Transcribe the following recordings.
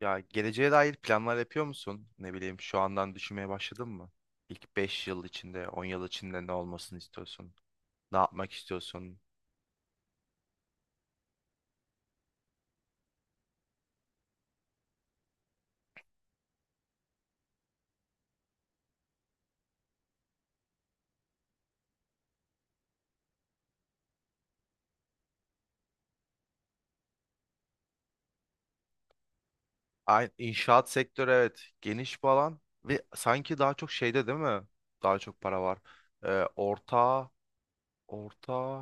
Ya, geleceğe dair planlar yapıyor musun? Ne bileyim, şu andan düşünmeye başladın mı? İlk 5 yıl içinde, 10 yıl içinde ne olmasını istiyorsun? Ne yapmak istiyorsun? Aynı inşaat sektörü, evet, geniş bir alan ve sanki daha çok şeyde, değil mi? Daha çok para var. Ee, orta, orta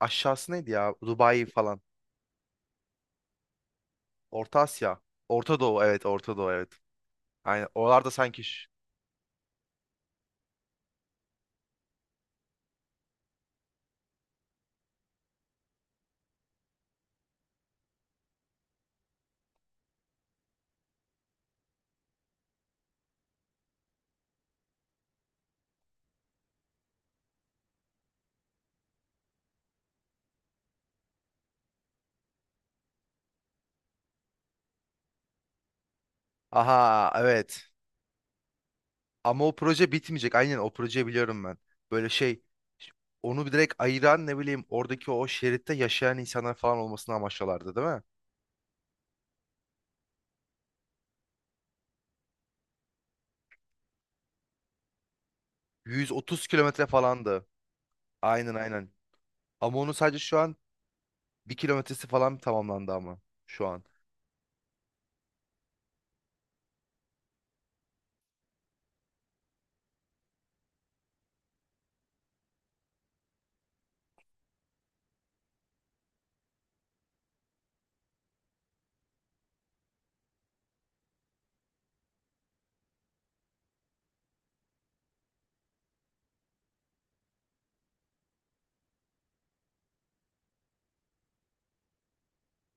aşağısı neydi ya? Dubai falan. Orta Asya. Orta Doğu, evet, Orta Doğu, evet. Aynen, oralarda sanki şu- Aha, evet. Ama o proje bitmeyecek. Aynen, o projeyi biliyorum ben. Böyle şey, onu bir direkt ayıran ne bileyim oradaki o şeritte yaşayan insanlar falan olmasını amaçlıyorlardı, değil mi? 130 kilometre falandı. Aynen, aynen. Ama onun sadece şu an bir kilometresi falan tamamlandı ama şu an.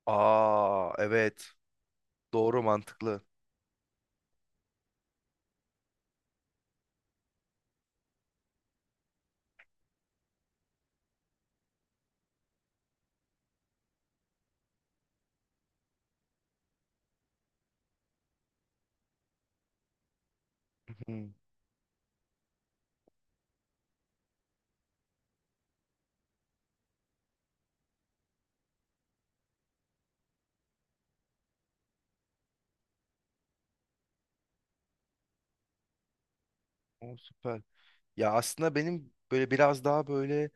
Aa, evet. Doğru, mantıklı. Hı. O süper. Ya, aslında benim böyle biraz daha böyle,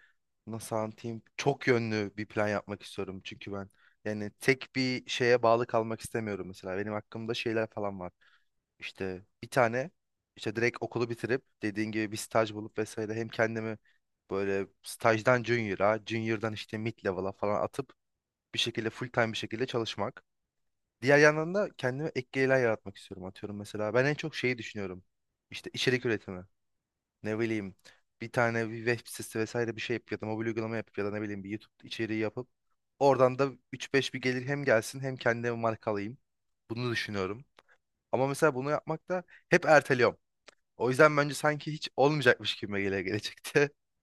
nasıl anlatayım, çok yönlü bir plan yapmak istiyorum, çünkü ben yani tek bir şeye bağlı kalmak istemiyorum. Mesela benim hakkımda şeyler falan var. İşte bir tane, işte direkt okulu bitirip dediğin gibi bir staj bulup vesaire, hem kendimi böyle stajdan junior'a, junior'dan işte mid level'a falan atıp bir şekilde full time bir şekilde çalışmak, diğer yandan da kendime ek gelirler yaratmak istiyorum. Atıyorum, mesela ben en çok şeyi düşünüyorum, işte içerik üretimi. Ne bileyim, bir tane bir web sitesi vesaire bir şey yapıp ya da mobil uygulama yapıp ya da ne bileyim bir YouTube içeriği yapıp oradan da üç beş bir gelir hem gelsin hem kendime marka alayım. Bunu düşünüyorum. Ama mesela bunu yapmak da hep erteliyorum. O yüzden bence sanki hiç olmayacakmış gibi gelecekti.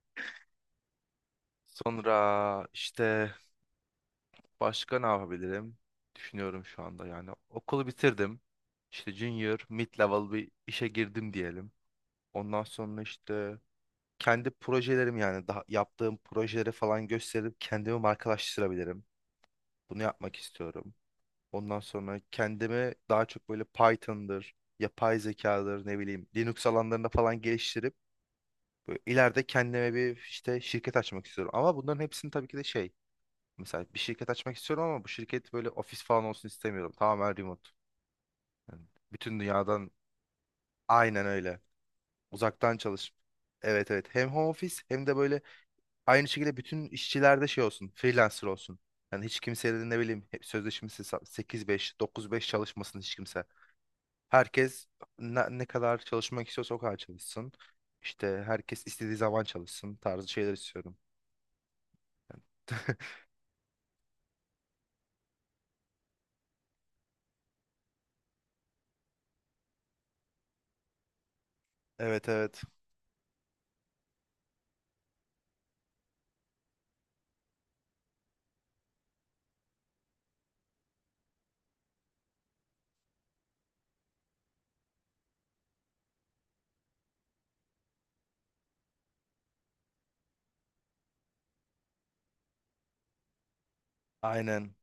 Sonra işte başka ne yapabilirim? Düşünüyorum şu anda yani. Okulu bitirdim. İşte junior, mid level bir işe girdim diyelim. Ondan sonra işte kendi projelerim, yani daha yaptığım projeleri falan gösterip kendimi markalaştırabilirim. Bunu yapmak istiyorum. Ondan sonra kendimi daha çok böyle Python'dır, yapay zekadır, ne bileyim Linux alanlarında falan geliştirip böyle ileride kendime bir işte şirket açmak istiyorum. Ama bunların hepsini tabii ki de şey, mesela bir şirket açmak istiyorum ama bu şirket böyle ofis falan olsun istemiyorum. Tamamen remote. Yani bütün dünyadan, aynen öyle. Uzaktan çalış. Evet, evet. Hem home office hem de böyle aynı şekilde bütün işçilerde şey olsun, freelancer olsun. Yani hiç kimseye de ne bileyim hep sözleşmesi 8-5, 9-5 çalışmasın hiç kimse. Herkes ne kadar çalışmak istiyorsa o kadar çalışsın. İşte herkes istediği zaman çalışsın tarzı şeyler istiyorum. Evet, evet. Aynen.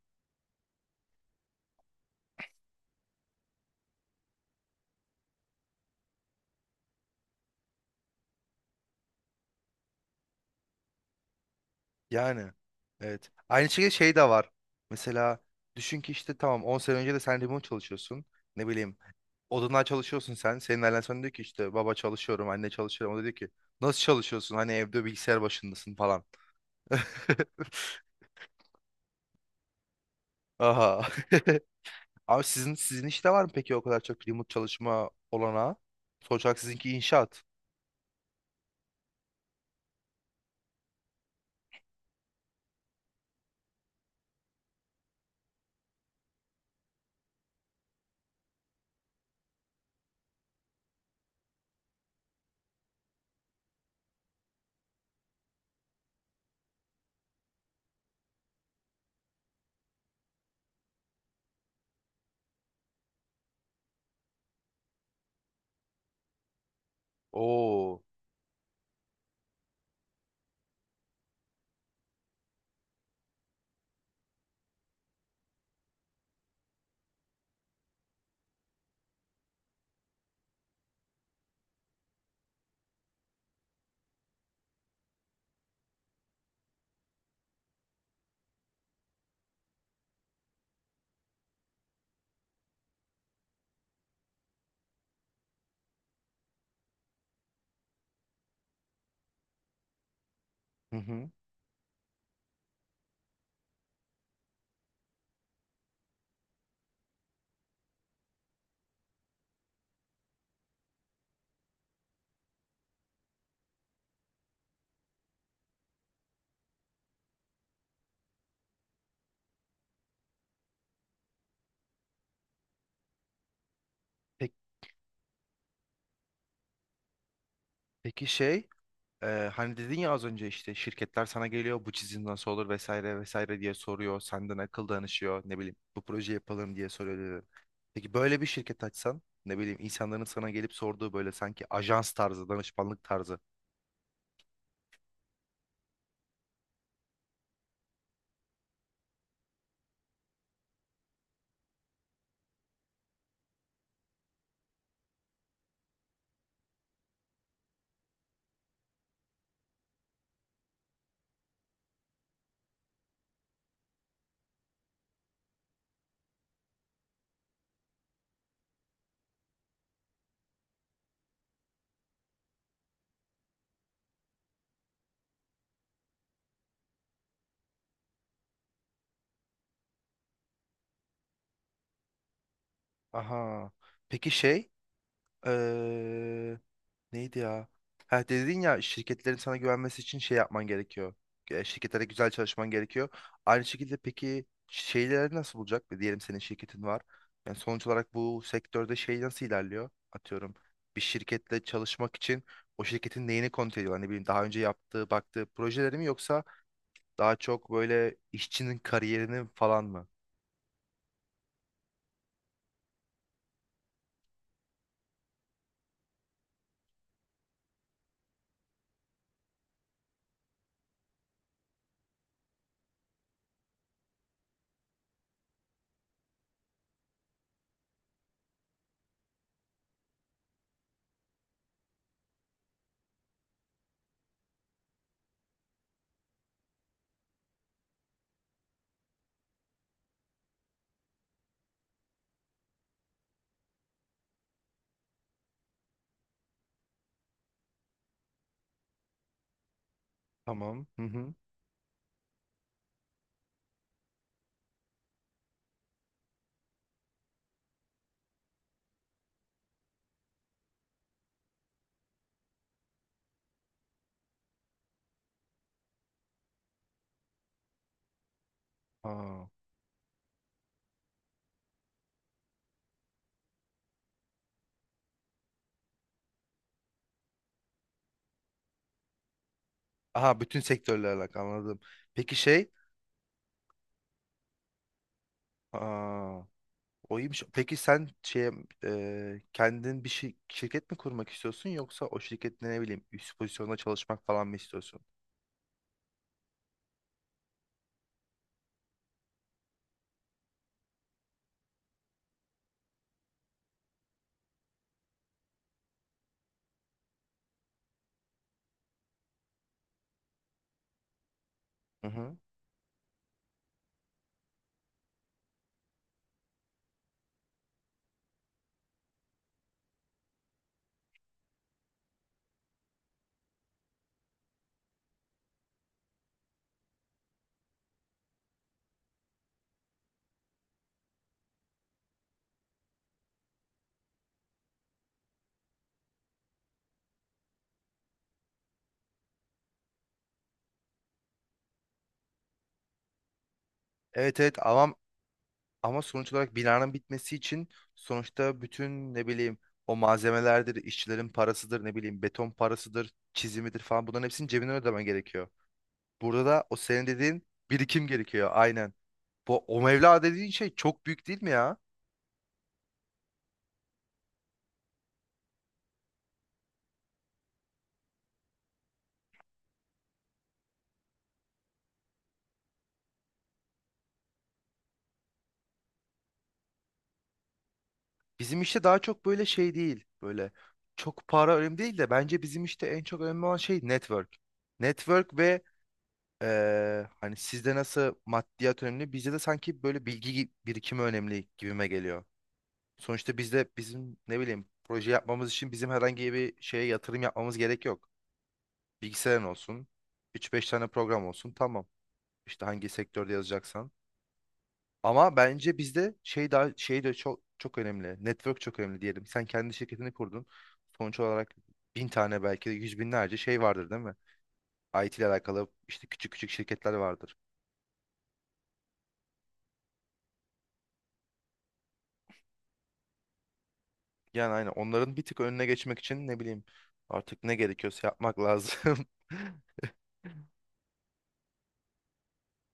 Yani. Evet. Aynı şekilde şey de var. Mesela düşün ki işte tamam, 10 sene önce de sen remote çalışıyorsun. Ne bileyim, odundan çalışıyorsun sen. Senin ailen sana diyor ki işte baba çalışıyorum, anne çalışıyorum. O da diyor ki nasıl çalışıyorsun? Hani evde bilgisayar başındasın falan. Aha. Abi sizin işte var mı peki o kadar çok remote çalışma olanağı? Sonuç olarak sizinki inşaat. Oo. Hı hı. Peki, peki şey. Hani dedin ya az önce işte şirketler sana geliyor, bu çizim nasıl olur vesaire vesaire diye soruyor. Senden akıl danışıyor, ne bileyim bu proje yapalım diye soruyor, dedin. Peki, böyle bir şirket açsan ne bileyim insanların sana gelip sorduğu böyle sanki ajans tarzı, danışmanlık tarzı. Aha, peki şey. Eee, Neydi ya? Ha, dedin ya şirketlerin sana güvenmesi için şey yapman gerekiyor. Şirketlere güzel çalışman gerekiyor. Aynı şekilde peki, şeyleri nasıl bulacak? Diyelim senin şirketin var. Yani sonuç olarak bu sektörde şey nasıl ilerliyor? Atıyorum bir şirketle çalışmak için o şirketin neyini kontrol ediyor? Hani bileyim, daha önce yaptığı, baktığı projeleri mi yoksa daha çok böyle işçinin kariyerini falan mı? Tamam. Hı hı. Aa. Aha, bütün sektörlerle alakalı, anladım. Peki şey. Aa, o iyiymiş. Peki sen şey, kendin bir şirket mi kurmak istiyorsun yoksa o şirkette ne bileyim üst pozisyonda çalışmak falan mı istiyorsun? Hı hı. Evet, evet, ama sonuç olarak binanın bitmesi için, sonuçta bütün ne bileyim o malzemelerdir, işçilerin parasıdır, ne bileyim beton parasıdır, çizimidir falan, bunların hepsini cebinden ödemen gerekiyor. Burada da o senin dediğin birikim gerekiyor, aynen. Bu o mevla dediğin şey çok büyük, değil mi ya? Bizim işte daha çok böyle şey değil. Böyle çok para önemli değil de bence bizim işte en çok önemli olan şey network. Network ve hani sizde nasıl maddiyat önemli, bizde de sanki böyle bilgi birikimi önemli gibime geliyor. Sonuçta bizde, bizim ne bileyim proje yapmamız için bizim herhangi bir şeye yatırım yapmamız gerek yok. Bilgisayarın olsun, üç beş tane program olsun, tamam. İşte hangi sektörde yazacaksan. Ama bence bizde şey daha şey de çok çok önemli. Network çok önemli diyelim. Sen kendi şirketini kurdun. Sonuç olarak bin tane, belki de yüz binlerce şey vardır, değil mi? IT ile alakalı işte küçük küçük şirketler vardır. Yani aynen, onların bir tık önüne geçmek için ne bileyim artık ne gerekiyorsa yapmak lazım.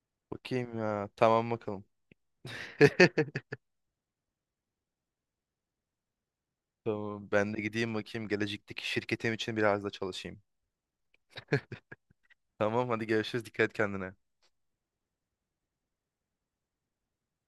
Bakayım ya. Tamam, bakalım. Tamam, ben de gideyim bakayım gelecekteki şirketim için biraz da çalışayım. Tamam, hadi görüşürüz. Dikkat et kendine.